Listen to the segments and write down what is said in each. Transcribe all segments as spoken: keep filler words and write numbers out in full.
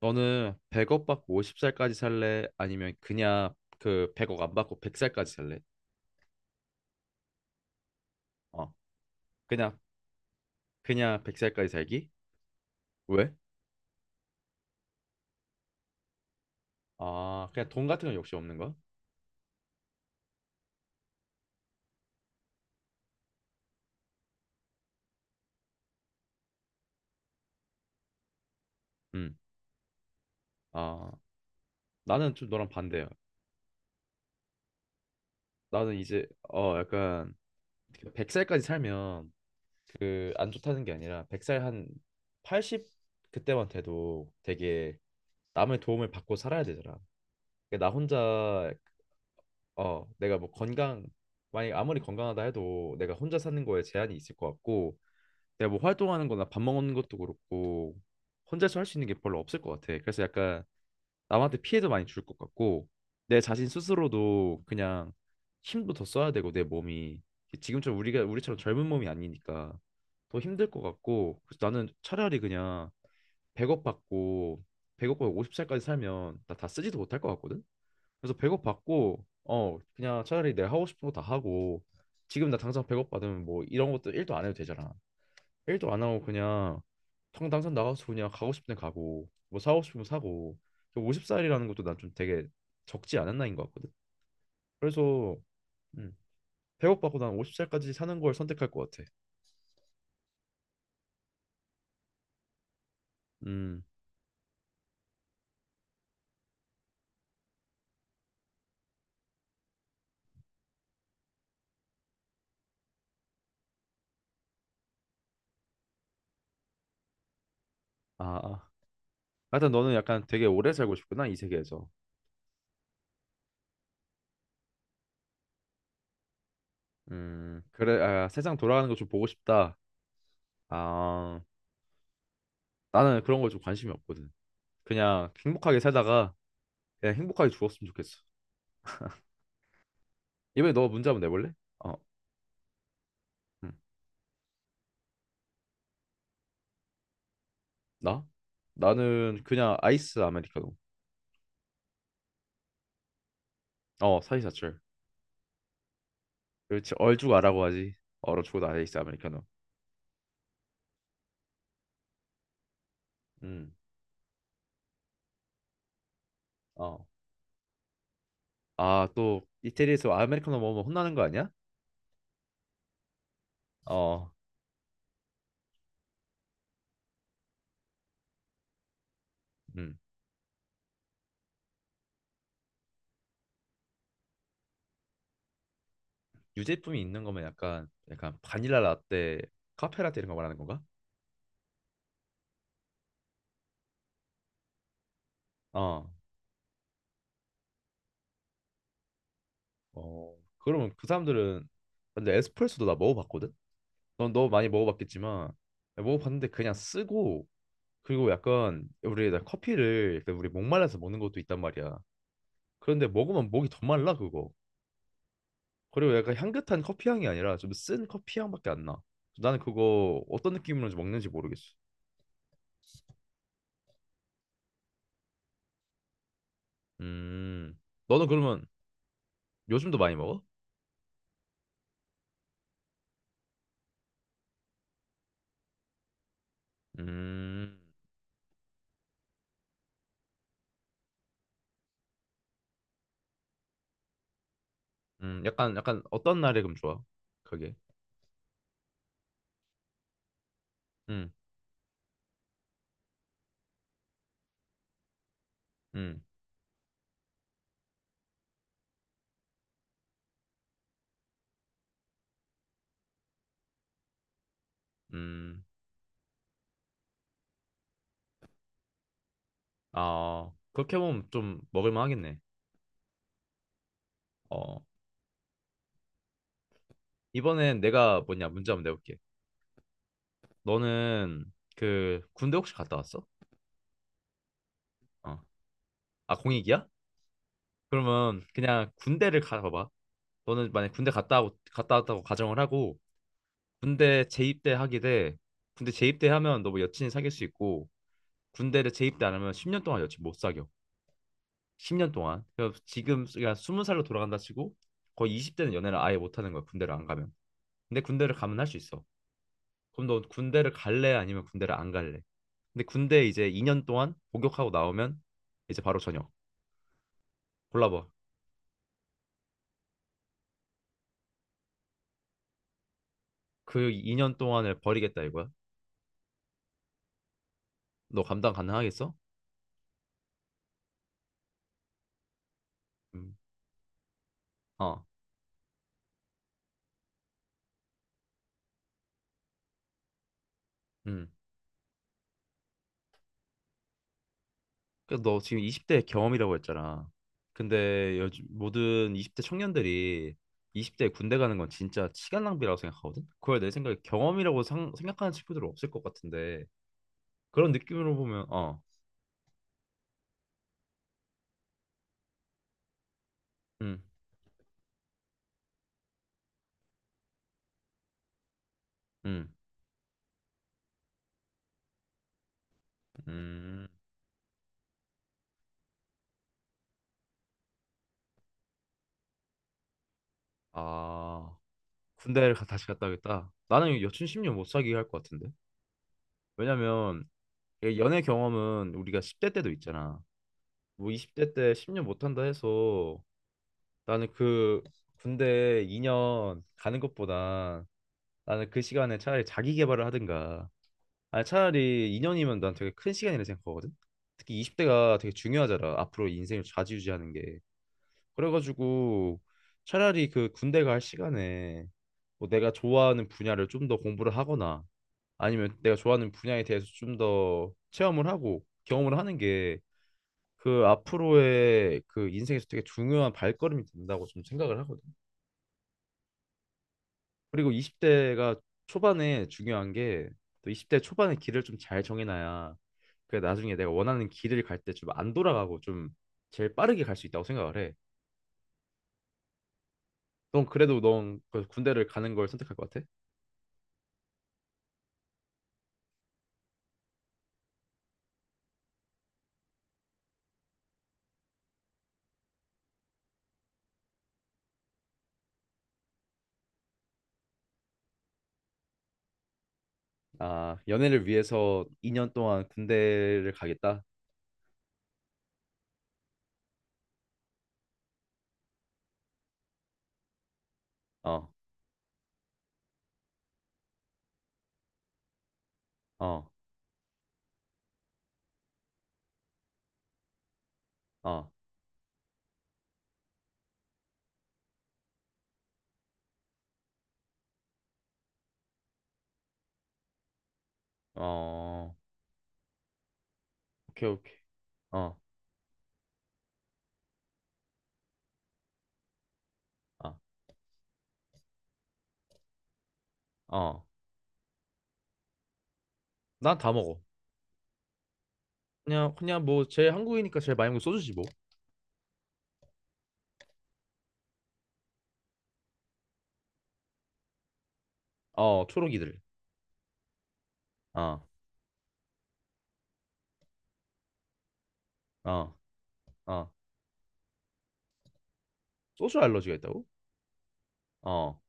너는 백억 받고 오십 살까지 살래? 아니면 그냥 그 백억 안 받고 백 살까지 살래? 어, 그냥 그냥 백 살까지 살기? 왜? 아, 그냥 돈 같은 건 역시 없는 거야? 음, 아, 나는 좀 너랑 반대야. 나는 이제 어 약간 백 살까지 살면 그 안 좋다는 게 아니라 백 살 한 팔십 그때만 돼도 되게 남의 도움을 받고 살아야 되잖아. 그러니까 나 혼자 어, 내가 뭐 건강, 만약 아무리 건강하다 해도 내가 혼자 사는 거에 제한이 있을 것 같고, 내가 뭐 활동하는 거나 밥 먹는 것도 그렇고, 혼자서 할 수 있는 게 별로 없을 것 같아. 그래서 약간 남한테 피해도 많이 줄 것 같고, 내 자신 스스로도 그냥 힘도 더 써야 되고, 내 몸이. 지금처럼 우리가, 우리처럼 젊은 몸이 아니니까 더 힘들 것 같고, 그래서 나는 차라리 그냥 백억 받고, 백억 받고 오십 살까지 살면 나 다 쓰지도 못할 것 같거든? 그래서 배고받고 어 그냥 차라리 내가 하고 싶은 거 다 하고 지금 나 당장 배고받으면 뭐 이런 것도 일도 안 해도 되잖아. 일도 안 하고 그냥 당 당장 나가서 그냥 가고 싶은 데 가고 뭐 사고 싶으면 사고 오십 살이라는 것도 난 좀 되게 적지 않은 나이인 것 같거든. 그래서 음, 배고받고난 오십 살까지 사는 걸 선택할 것 같아. 음, 아, 아. 하여튼 너는 약간 되게 오래 살고 싶구나 이 세계에서. 음, 그래, 아, 세상 돌아가는 거 좀 보고 싶다. 아, 나는 그런 거 좀 관심이 없거든. 그냥 행복하게 살다가 그냥 행복하게 죽었으면 좋겠어. 이번에 너 문제 한번 내볼래? 어, 응. 나? 나는 그냥 아이스 아메리카노. 어, 사이사철. 그렇지, 얼죽아라고 하지. 얼어 죽어도 아이스 아메리카노. 음, 어. 아, 또 이태리에서 아메리카노 먹으면 혼나는 거 아니야? 어, 음. 유제품이 있는 거면 약간 약간 바닐라 라떼, 카페 라떼 이런 거 말하는 건가? 어, 어. 그러면 그 사람들은 근데 에스프레소도 나 먹어봤거든? 넌 너무 많이 먹어봤겠지만 먹어봤는데 그냥 쓰고 그리고 약간 우리 나 커피를 약간 우리 목말라서 먹는 것도 있단 말이야. 그런데 먹으면 목이 더 말라 그거. 그리고 약간 향긋한 커피 향이 아니라 좀 쓴 커피 향밖에 안 나. 나는 그거 어떤 느낌으로 먹는지 모르겠어. 음, 너는 그러면 요즘도 많이 먹어? 음, 음, 약간 약간 어떤 날에 그럼 좋아? 그게. 음, 음, 음. 아, 그렇게 보면 좀 먹을만 하겠네. 어. 이번엔 내가 뭐냐 문제 한번 내볼게. 너는 그 군대 혹시 갔다 왔어? 어. 아, 공익이야? 그러면 그냥 군대를 가봐봐. 너는 만약 군대 갔다 고 갔다 왔다고 가정을 하고 군대 재입대 하게 돼. 군대 재입대 하면 너 뭐 여친이 사귈 수 있고 군대를 재입대 안 하면 십 년 동안 여친 못 사겨. 십 년 동안. 그 지금 그냥 스무 살로 돌아간다 치고 거의 이십 대는 연애를 아예 못 하는 거야. 군대를 안 가면. 근데 군대를 가면 할 수 있어. 그럼 너 군대를 갈래? 아니면 군대를 안 갈래? 근데 군대 이제 이 년 동안 복역하고 나오면 이제 바로 전역. 골라봐. 그 이 년 동안을 버리겠다 이거야? 너 감당 가능하겠어? 음. 어. 음. 그래서 너 지금 이십 대 경험이라고 했잖아. 근데 요즘 모든 이십 대 청년들이 이십 대에 군대 가는 건 진짜 시간 낭비라고 생각하거든. 그걸 내 생각에 경험이라고 상, 생각하는 친구들은 없을 것 같은데 그런 느낌으로 보면 어. 음. 음. 음. 아. 군대를 가- 다시 갔다 오겠다. 나는 여친 십 년 못 사귀게 할 것 같은데. 왜냐면 연애 경험은 우리가 십 대 때도 있잖아. 뭐 이십 대 때 십 년 못한다 해서 나는 그 군대 이 년 가는 것보다 나는 그 시간에 차라리 자기 개발을 하든가 아니 차라리 이 년이면 난 되게 큰 시간이라 생각하거든 특히 이십 대가 되게 중요하잖아 앞으로 인생을 좌지우지하는 게 그래가지고 차라리 그 군대 갈 시간에 뭐 내가 좋아하는 분야를 좀 더 공부를 하거나 아니면 내가 좋아하는 분야에 대해서 좀 더 체험을 하고 경험을 하는 게 그 앞으로의 그 인생에서 되게 중요한 발걸음이 된다고 좀 생각을 하거든. 그리고 이십 대가 초반에 중요한 게 또 이십 대 초반에 길을 좀 잘 정해놔야 그 나중에 내가 원하는 길을 갈 때 좀 안 돌아가고 좀 제일 빠르게 갈 수 있다고 생각을 해. 넌 그래도 넌그 군대를 가는 걸 선택할 것 같아? 아, 연애를 위해서 이 년 동안 군대를 가겠다. 어, 어, 어, 어, 오케이, 오케이. 어, 아, 어. 난 다 먹어. 그냥 그냥 뭐 제 한국이니까 제일 많이 먹는 게 소주지 뭐. 어 초록이들. 어 어 어 소주 알러지가 있다고? 어 어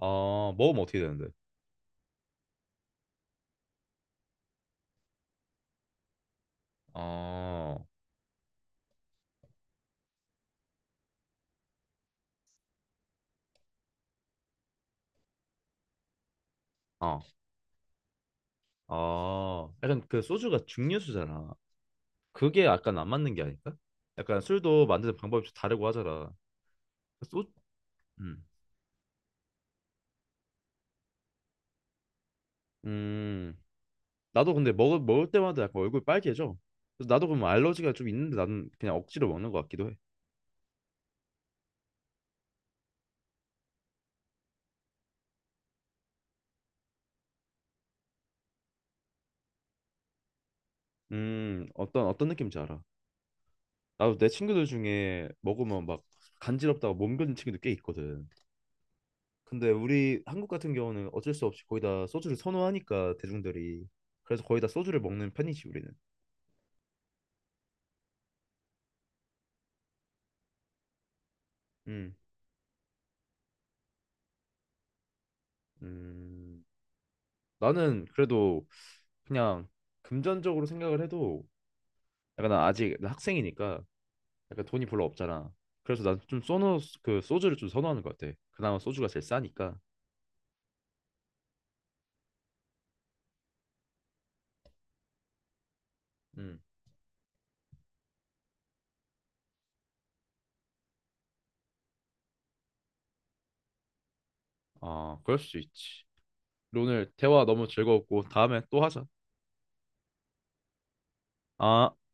먹으면 어떻게 되는데? 어 어 어 약간 그 소주가 증류수잖아. 그게 약간 안 맞는 게 아닐까? 약간 술도 만드는 방법이 좀 다르고 하잖아. 그 소 음. 음 나도 근데 먹을 먹을 때마다 약간 얼굴 빨개져. 그래서 나도 그럼 알러지가 좀 있는데 나는 그냥 억지로 먹는 것 같기도 해. 음 어떤 어떤 느낌인지 알아. 나도 내 친구들 중에 먹으면 막 간지럽다고 몸거린 친구도 꽤 있거든. 근데 우리 한국 같은 경우는 어쩔 수 없이 거의 다 소주를 선호하니까 대중들이 그래서 거의 다 소주를 먹는 편이지 우리는. 음, 음. 나는 그래도 그냥 금전적으로 생각을 해도 약간 난 아직 나 학생이니까 약간 돈이 별로 없잖아. 그래서 난 좀 선호 그 소주를 좀 선호하는 것 같아. 그나마 소주가 제일 싸니까. 음, 아 그럴 수 있지. 오늘 대화 너무 즐거웠고 다음에 또 하자. 아.